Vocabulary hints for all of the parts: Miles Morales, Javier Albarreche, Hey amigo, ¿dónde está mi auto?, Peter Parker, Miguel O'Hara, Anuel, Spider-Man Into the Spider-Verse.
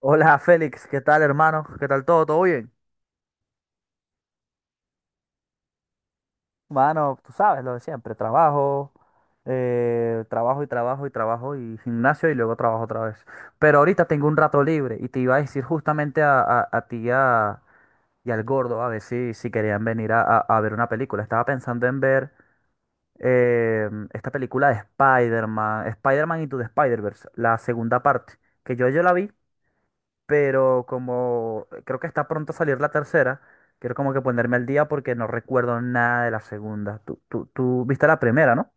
Hola Félix, ¿qué tal hermano? ¿Qué tal todo? ¿Todo bien? Mano, tú sabes lo de siempre, trabajo, trabajo y trabajo y trabajo y gimnasio y luego trabajo otra vez. Pero ahorita tengo un rato libre y te iba a decir justamente a, a ti y al gordo a ver si, si querían venir a, a ver una película. Estaba pensando en ver esta película de Spider-Man, Spider-Man Into the Spider-Verse, la segunda parte, que yo la vi, pero como creo que está pronto a salir la tercera, quiero como que ponerme al día porque no recuerdo nada de la segunda. Tú viste la primera, ¿no?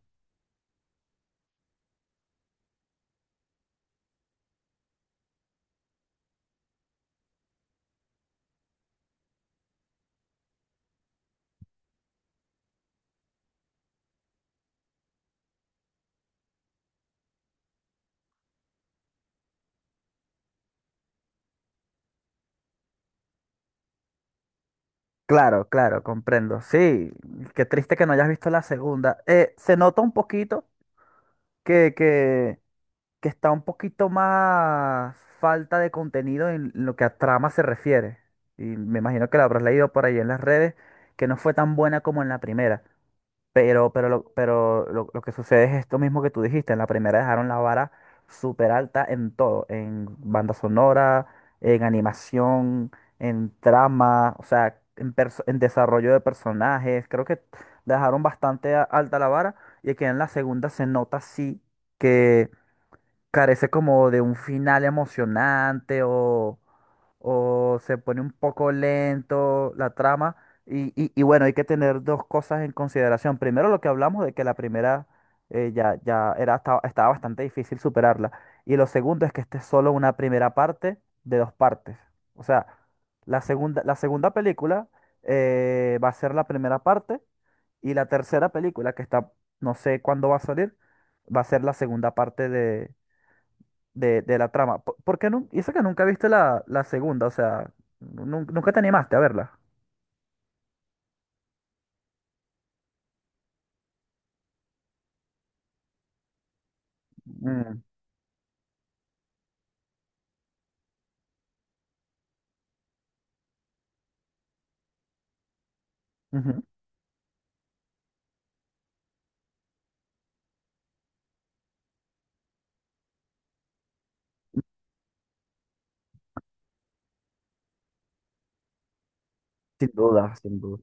Claro, claro, comprendo. Sí, qué triste que no hayas visto la segunda. Se nota un poquito que, que, que está un poquito más falta de contenido en lo que a trama se refiere. Y me imagino que la habrás leído por ahí en las redes, que no fue tan buena como en la primera. Pero, lo que sucede es esto mismo que tú dijiste. En la primera dejaron la vara súper alta en todo, en banda sonora, en animación, en trama, o sea, en, en desarrollo de personajes. Creo que dejaron bastante alta la vara y que en la segunda se nota sí carece como de un final emocionante o se pone un poco lento la trama. Y, y bueno, hay que tener dos cosas en consideración. Primero, lo que hablamos de que la primera ya, estaba bastante difícil superarla. Y lo segundo es que esta es solo una primera parte de dos partes. O sea, la segunda película va a ser la primera parte y la tercera película, que está, no sé cuándo va a salir, va a ser la segunda parte de la trama. ¿Por, y eso que nunca viste la, la segunda, o sea, nunca te animaste a verla. Mm. Ujú. Sin duda, sin duda.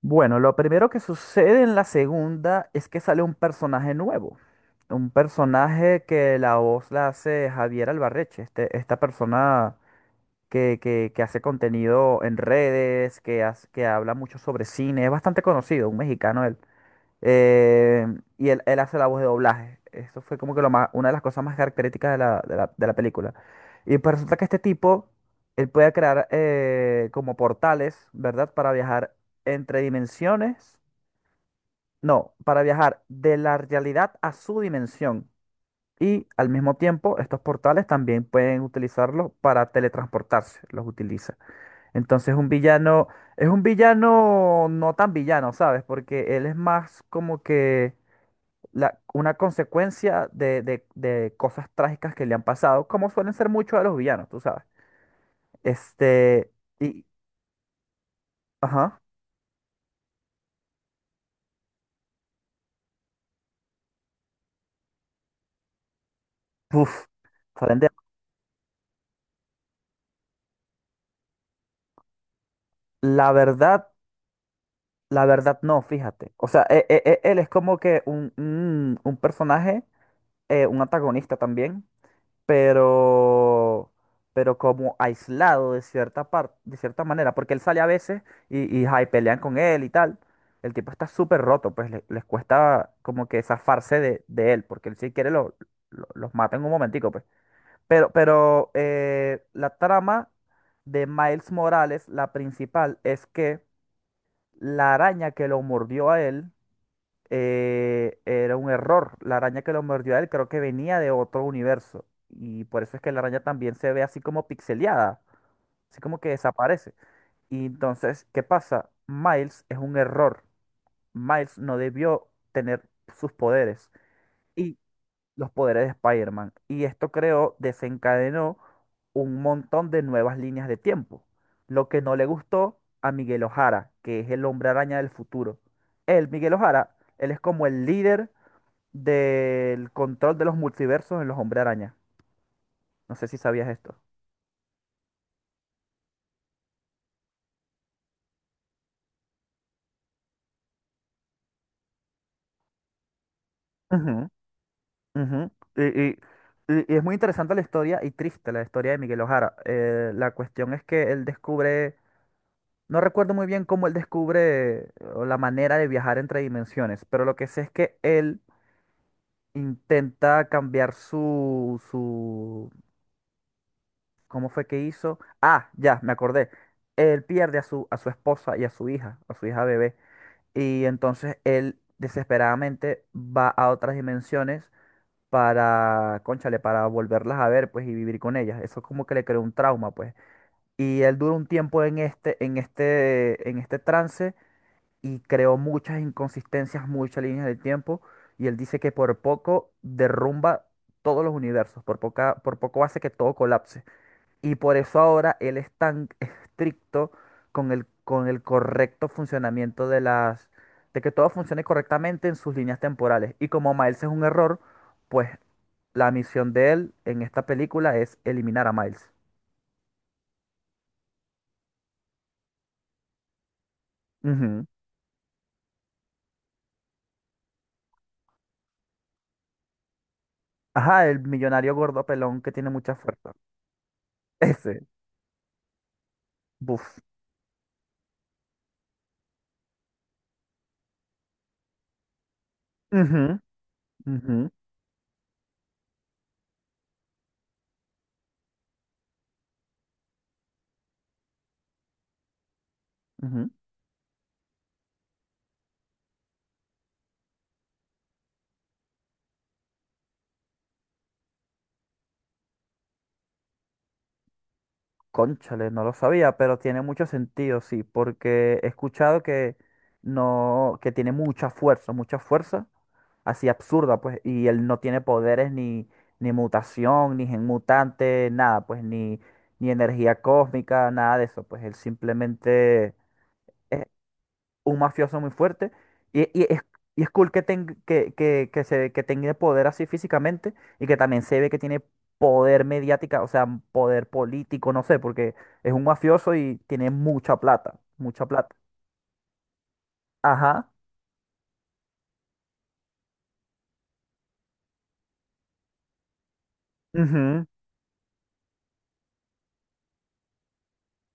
Bueno, lo primero que sucede en la segunda es que sale un personaje nuevo. Un personaje que la voz la hace Javier Albarreche, este, esta persona que, que hace contenido en redes, que, que habla mucho sobre cine, es bastante conocido, un mexicano él. Eh, y él hace la voz de doblaje. Eso fue como que lo más, una de las cosas más características de de la película. Y pues resulta que este tipo, él puede crear como portales, ¿verdad? Para viajar entre dimensiones. No, para viajar de la realidad a su dimensión. Y al mismo tiempo, estos portales también pueden utilizarlos para teletransportarse. Los utiliza. Entonces, un villano es un villano no tan villano, ¿sabes? Porque él es más como que una consecuencia de, de cosas trágicas que le han pasado, como suelen ser muchos de los villanos, tú sabes. Este, y, ajá, uf, salen de- la verdad, la verdad no, fíjate. O sea, él es como que un, un personaje, un antagonista también, pero, pero como aislado de cierta parte, de cierta manera, porque él sale a veces y ay, pelean con él y tal. El tipo está súper roto, pues les cuesta como que zafarse de él, porque él si quiere lo, los mata en un momentico, pues. Pero la trama de Miles Morales, la principal, es que la araña que lo mordió a él era un error. La araña que lo mordió a él creo que venía de otro universo. Y por eso es que la araña también se ve así como pixeleada, así como que desaparece. Y entonces, ¿qué pasa? Miles es un error. Miles no debió tener sus poderes y los poderes de Spider-Man. Y esto creó, desencadenó un montón de nuevas líneas de tiempo. Lo que no le gustó a Miguel O'Hara, que es el hombre araña del futuro. Él, Miguel O'Hara, él es como el líder del control de los multiversos en los Hombre Araña. No sé si sabías esto. Ujú, ujú. Y, y es muy interesante la historia y triste la historia de Miguel O'Hara. La cuestión es que él descubre, no recuerdo muy bien cómo él descubre o la manera de viajar entre dimensiones, pero lo que sé es que él intenta cambiar ¿cómo fue que hizo? Ah, ya, me acordé. Él pierde a su esposa y a su hija bebé. Y entonces él desesperadamente va a otras dimensiones para, cónchale, para volverlas a ver, pues, y vivir con ellas. Eso como que le creó un trauma, pues. Y él duró un tiempo en este, en este trance y creó muchas inconsistencias, muchas líneas del tiempo. Y él dice que por poco derrumba todos los universos, por poco hace que todo colapse. Y por eso ahora él es tan estricto con el correcto funcionamiento de las, de que todo funcione correctamente en sus líneas temporales. Y como Miles es un error, pues la misión de él en esta película es eliminar a Miles. Ujú. Ajá, el millonario gordo pelón que tiene mucha fuerza. Ese. Buf. Ujú, ujú, ujú. Cónchale, no lo sabía, pero tiene mucho sentido, sí, porque he escuchado que no, que tiene mucha fuerza, así absurda, pues, y él no tiene poderes ni, ni mutación, ni gen mutante, nada, pues, ni, ni energía cósmica, nada de eso, pues, él simplemente es un mafioso muy fuerte. Y, y es, y es cool que, que tenga poder así físicamente y que también se ve que tiene poder mediática, o sea, poder político, no sé, porque es un mafioso y tiene mucha plata, mucha plata. Ajá. Ujú.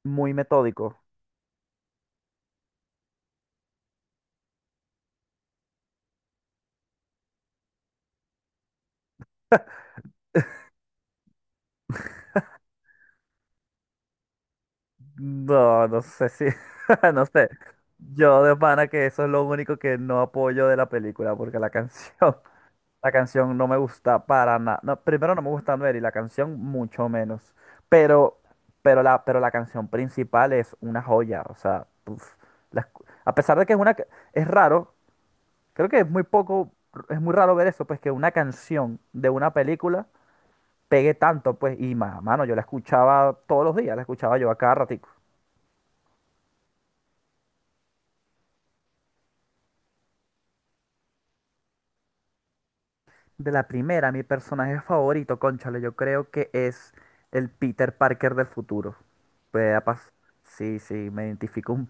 Muy metódico. No, no sé si, no sé. Yo de pana que eso es lo único que no apoyo de la película, porque la canción no me gusta para nada. No, primero no me gusta Anuel y la canción mucho menos. Pero, pero la canción principal es una joya. O sea, uf, a pesar de que es una, es raro, creo que es muy poco, es muy raro ver eso, pues que una canción de una película pegue tanto, pues, y mano, yo la escuchaba todos los días, la escuchaba yo a cada ratico. De la primera, mi personaje favorito, cónchale, yo creo que es el Peter Parker del futuro. Pues, ha sí, sí, me identifico un,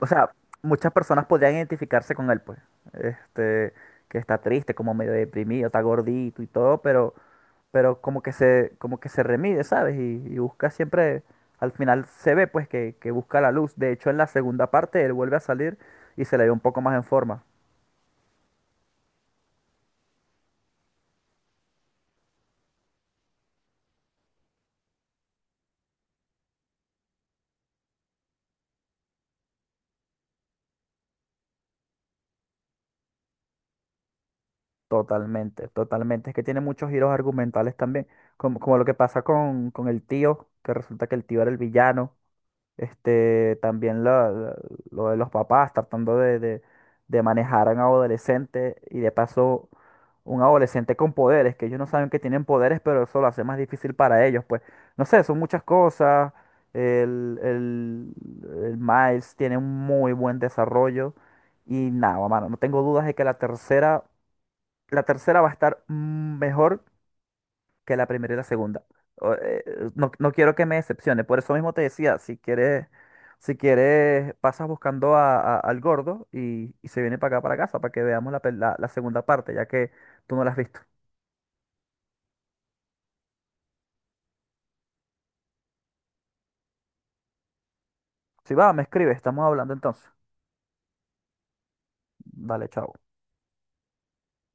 o sea, muchas personas podrían identificarse con él, pues. Este, que está triste, como medio deprimido, está gordito y todo, pero como que se remide, ¿sabes? Y busca siempre, al final se ve, pues, que busca la luz. De hecho, en la segunda parte él vuelve a salir y se le ve un poco más en forma. Totalmente, totalmente. Es que tiene muchos giros argumentales también, como, como lo que pasa con el tío, que resulta que el tío era el villano. Este, también lo de los papás tratando de, de manejar a un adolescente y de paso un adolescente con poderes, que ellos no saben que tienen poderes, pero eso lo hace más difícil para ellos. Pues no sé, son muchas cosas. El, el Miles tiene un muy buen desarrollo y nada, mano, no tengo dudas de que la tercera va a estar mejor que la primera y la segunda. O, no, no quiero que me decepcione. Por eso mismo te decía, si quieres, si quieres, pasas buscando al gordo y se viene para acá, para casa, para que veamos la, la segunda parte, ya que tú no la has visto. Si va, me escribes, estamos hablando entonces. Vale, chao.